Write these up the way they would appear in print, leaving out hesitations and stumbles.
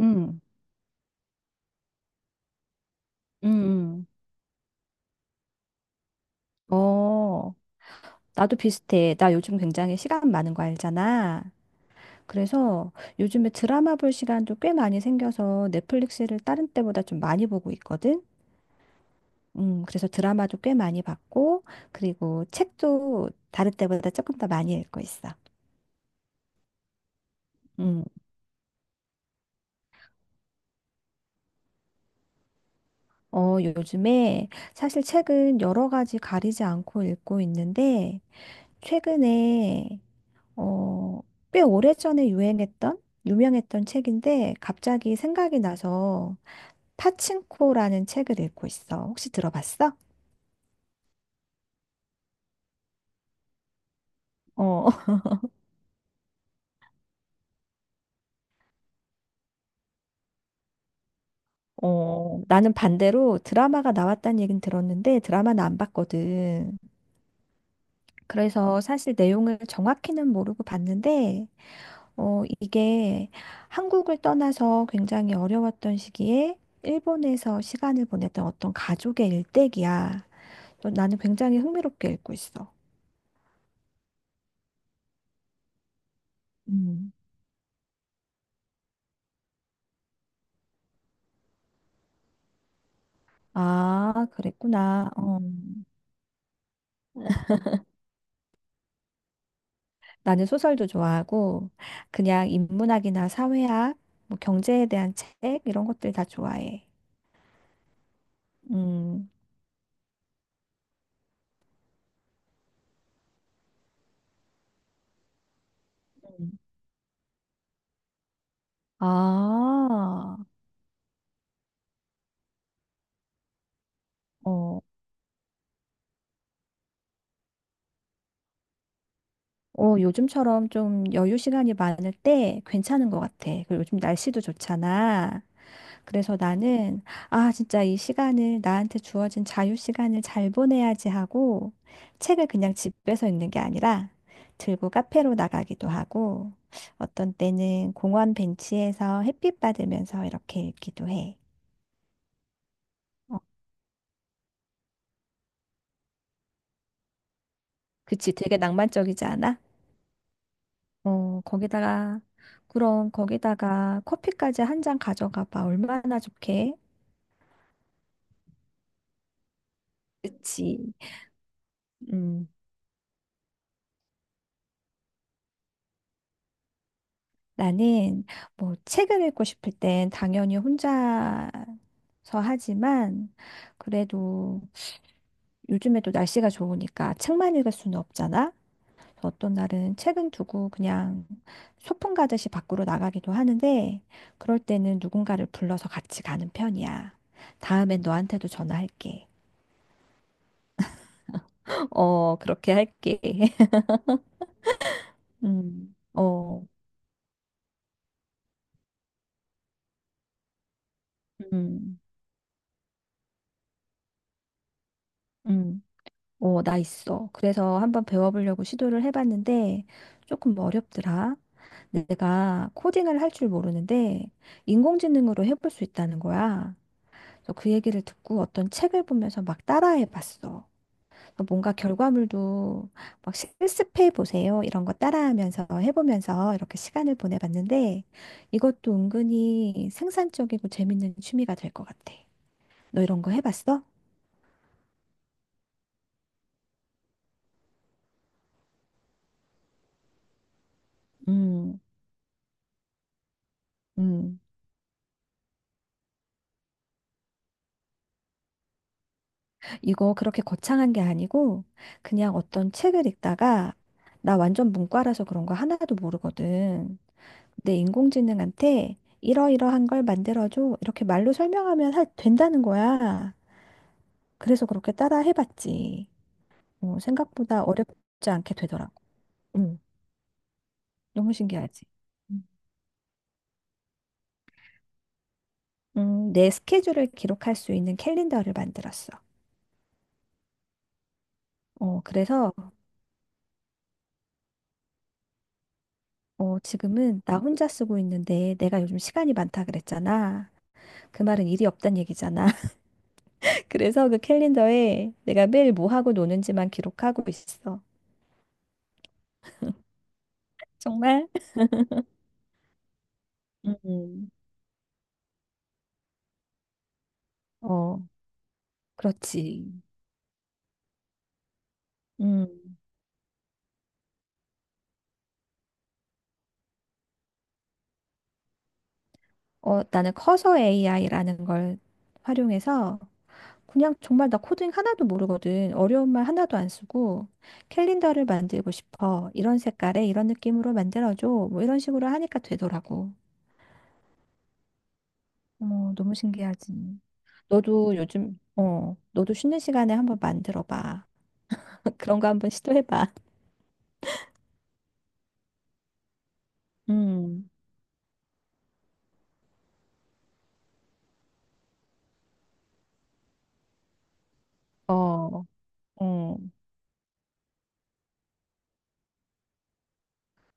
응, 응, 응. 어, 나도 비슷해. 나 요즘 굉장히 시간 많은 거 알잖아. 그래서 요즘에 드라마 볼 시간도 꽤 많이 생겨서 넷플릭스를 다른 때보다 좀 많이 보고 있거든. 그래서 드라마도 꽤 많이 봤고, 그리고 책도 다른 때보다 조금 더 많이 읽고 있어. 음, 요즘에 사실 책은 여러 가지 가리지 않고 읽고 있는데, 최근에 어, 꽤 오래전에 유행했던, 유명했던 책인데 갑자기 생각이 나서 파친코라는 책을 읽고 있어. 혹시 들어봤어? 어, 나는 반대로 드라마가 나왔다는 얘긴 들었는데 드라마는 안 봤거든. 그래서 사실 내용을 정확히는 모르고 봤는데, 이게 한국을 떠나서 굉장히 어려웠던 시기에 일본에서 시간을 보냈던 어떤 가족의 일대기야. 또 나는 굉장히 흥미롭게 읽고 있어. 음. 아, 그랬구나. 어. 음. 나는 소설도 좋아하고 그냥 인문학이나 사회학, 뭐 경제에 대한 책 이런 것들 다 좋아해. 음. 음. 아, 어, 요즘처럼 좀 여유 시간이 많을 때 괜찮은 것 같아. 그리고 요즘 날씨도 좋잖아. 그래서 나는, 진짜 이 시간을, 나한테 주어진 자유 시간을 잘 보내야지 하고, 책을 그냥 집에서 읽는 게 아니라, 들고 카페로 나가기도 하고, 어떤 때는 공원 벤치에서 햇빛 받으면서 이렇게 읽기도 해. 어, 그치, 되게 낭만적이지 않아? 어, 거기다가, 그럼 거기다가 커피까지 1잔 가져가 봐. 얼마나 좋게? 그치. 음. 나는 뭐 책을 읽고 싶을 땐 당연히 혼자서 하지만 그래도 요즘에도 날씨가 좋으니까 책만 읽을 수는 없잖아. 그래서 어떤 날은 책은 두고 그냥 소풍 가듯이 밖으로 나가기도 하는데 그럴 때는 누군가를 불러서 같이 가는 편이야. 다음엔 너한테도 전화할게. 어, 그렇게 할게. 어, 음, 음. 어, 나 있어. 그래서 한번 배워보려고 시도를 해봤는데 조금 어렵더라. 내가 코딩을 할 줄 모르는데 인공지능으로 해볼 수 있다는 거야. 그래서 그 얘기를 듣고 어떤 책을 보면서 막 따라해봤어. 그래서 뭔가 결과물도 막 실습해보세요. 이런 거 따라하면서 해보면서 이렇게 시간을 보내봤는데 이것도 은근히 생산적이고 재밌는 취미가 될 것 같아. 너 이런 거 해봤어? 음, 음. 이거 그렇게 거창한 게 아니고 그냥 어떤 책을 읽다가 나 완전 문과라서 그런 거 하나도 모르거든. 근데 인공지능한테 이러이러한 걸 만들어줘. 이렇게 말로 설명하면 된다는 거야. 그래서 그렇게 따라 해봤지. 생각보다 어렵지 않게 되더라고. 응, 너무 신기하지. 내 스케줄을 기록할 수 있는 캘린더를 만들었어. 어, 그래서 지금은 나 혼자 쓰고 있는데 내가 요즘 시간이 많다 그랬잖아. 그 말은 일이 없단 얘기잖아. 그래서 그 캘린더에 내가 매일 뭐 하고 노는지만 기록하고 있어. 정말? 음. 어, 그렇지. 음. 나는 커서 AI라는 걸 활용해서 그냥 정말 나 코딩 하나도 모르거든. 어려운 말 하나도 안 쓰고 캘린더를 만들고 싶어. 이런 색깔에 이런 느낌으로 만들어줘. 뭐 이런 식으로 하니까 되더라고. 너무 신기하지. 너도 쉬는 시간에 한번 만들어 봐. 그런 거 한번 시도해봐. 음, 어, 어,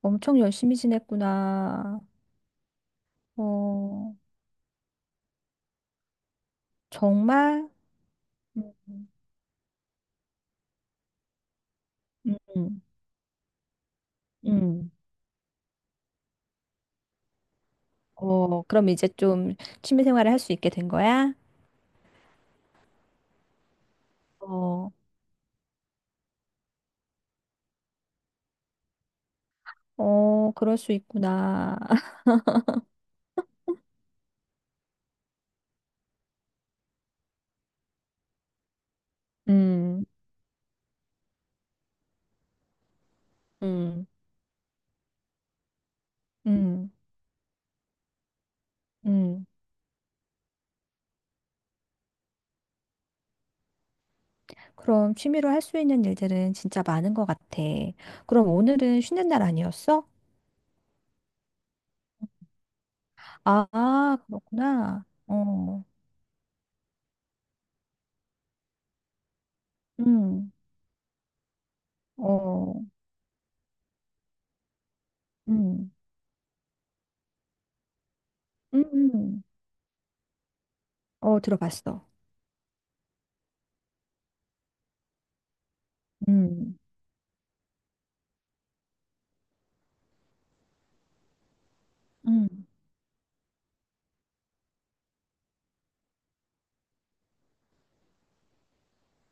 엄청 열심히 지냈구나. 어, 정말? 음, 음, 음. 그럼 이제 좀 취미 생활을 할 수 있게 된 거야? 어, 그럴 수 있구나. 음, 음, 음, 음. 그럼 취미로 할 수 있는 일들은 진짜 많은 것 같아. 그럼 오늘은 쉬는 날 아니었어? 아, 그렇구나. 어, 음, 어. 음, 음, 음. 어, 들어봤어. 음, 음,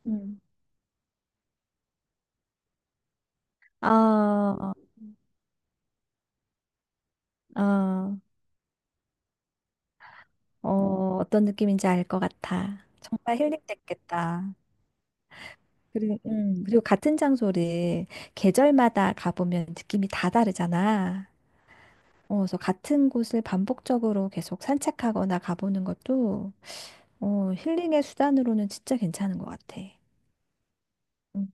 음. 아, 아, 어, 어떤 느낌인지 알 것 같아. 정말 힐링됐겠다. 그리고 같은 장소를 계절마다 가보면 느낌이 다 다르잖아. 그래서 같은 곳을 반복적으로 계속 산책하거나 가보는 것도 힐링의 수단으로는 진짜 괜찮은 것 같아. 음.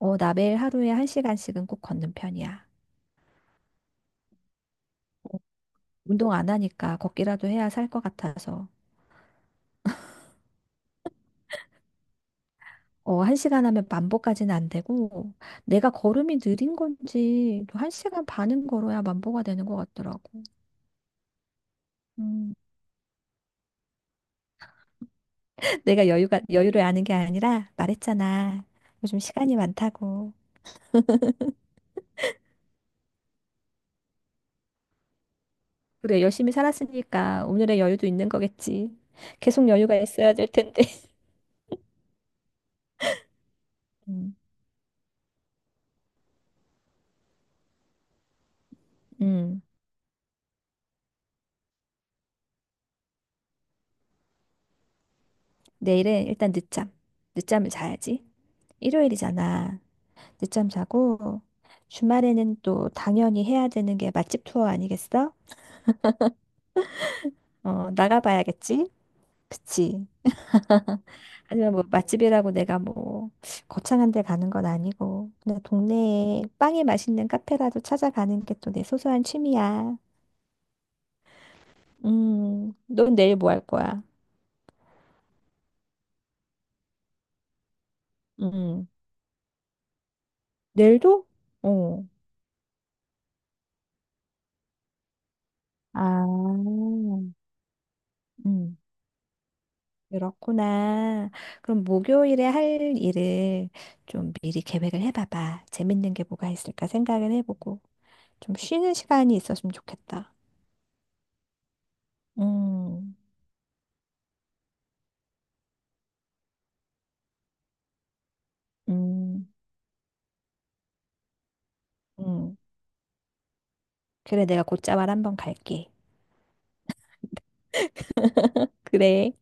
나 매일 하루에 1시간씩은 꼭 걷는 편이야. 운동 안 하니까 걷기라도 해야 살 것 같아서. 한 시간 하면 만보까지는 안 되고, 내가 걸음이 느린 건지, 또 1시간 반은 걸어야 만보가 되는 것 같더라고. 음. 내가 여유를 아는 게 아니라 말했잖아. 요즘 시간이 많다고. 그래, 열심히 살았으니까 오늘의 여유도 있는 거겠지. 계속 여유가 있어야 될 텐데. 음, 음. 내일은 일단 늦잠. 늦잠을 자야지. 일요일이잖아. 늦잠 자고 주말에는 또 당연히 해야 되는 게 맛집 투어 아니겠어? 나가봐야겠지? 그치? 하지만 뭐 맛집이라고 내가 뭐 거창한 데 가는 건 아니고 그냥 동네에 빵이 맛있는 카페라도 찾아가는 게 또 내 소소한 취미야. 넌 내일 뭐 할 거야? 음, 내일도? 어. 아, 음. 그렇구나. 그럼 목요일에 할 일을 좀 미리 계획을 해봐봐. 재밌는 게 뭐가 있을까 생각을 해보고. 좀 쉬는 시간이 있었으면 좋겠다. 음, 음. 음. 그래, 내가 곧자말 한번 갈게. 그래.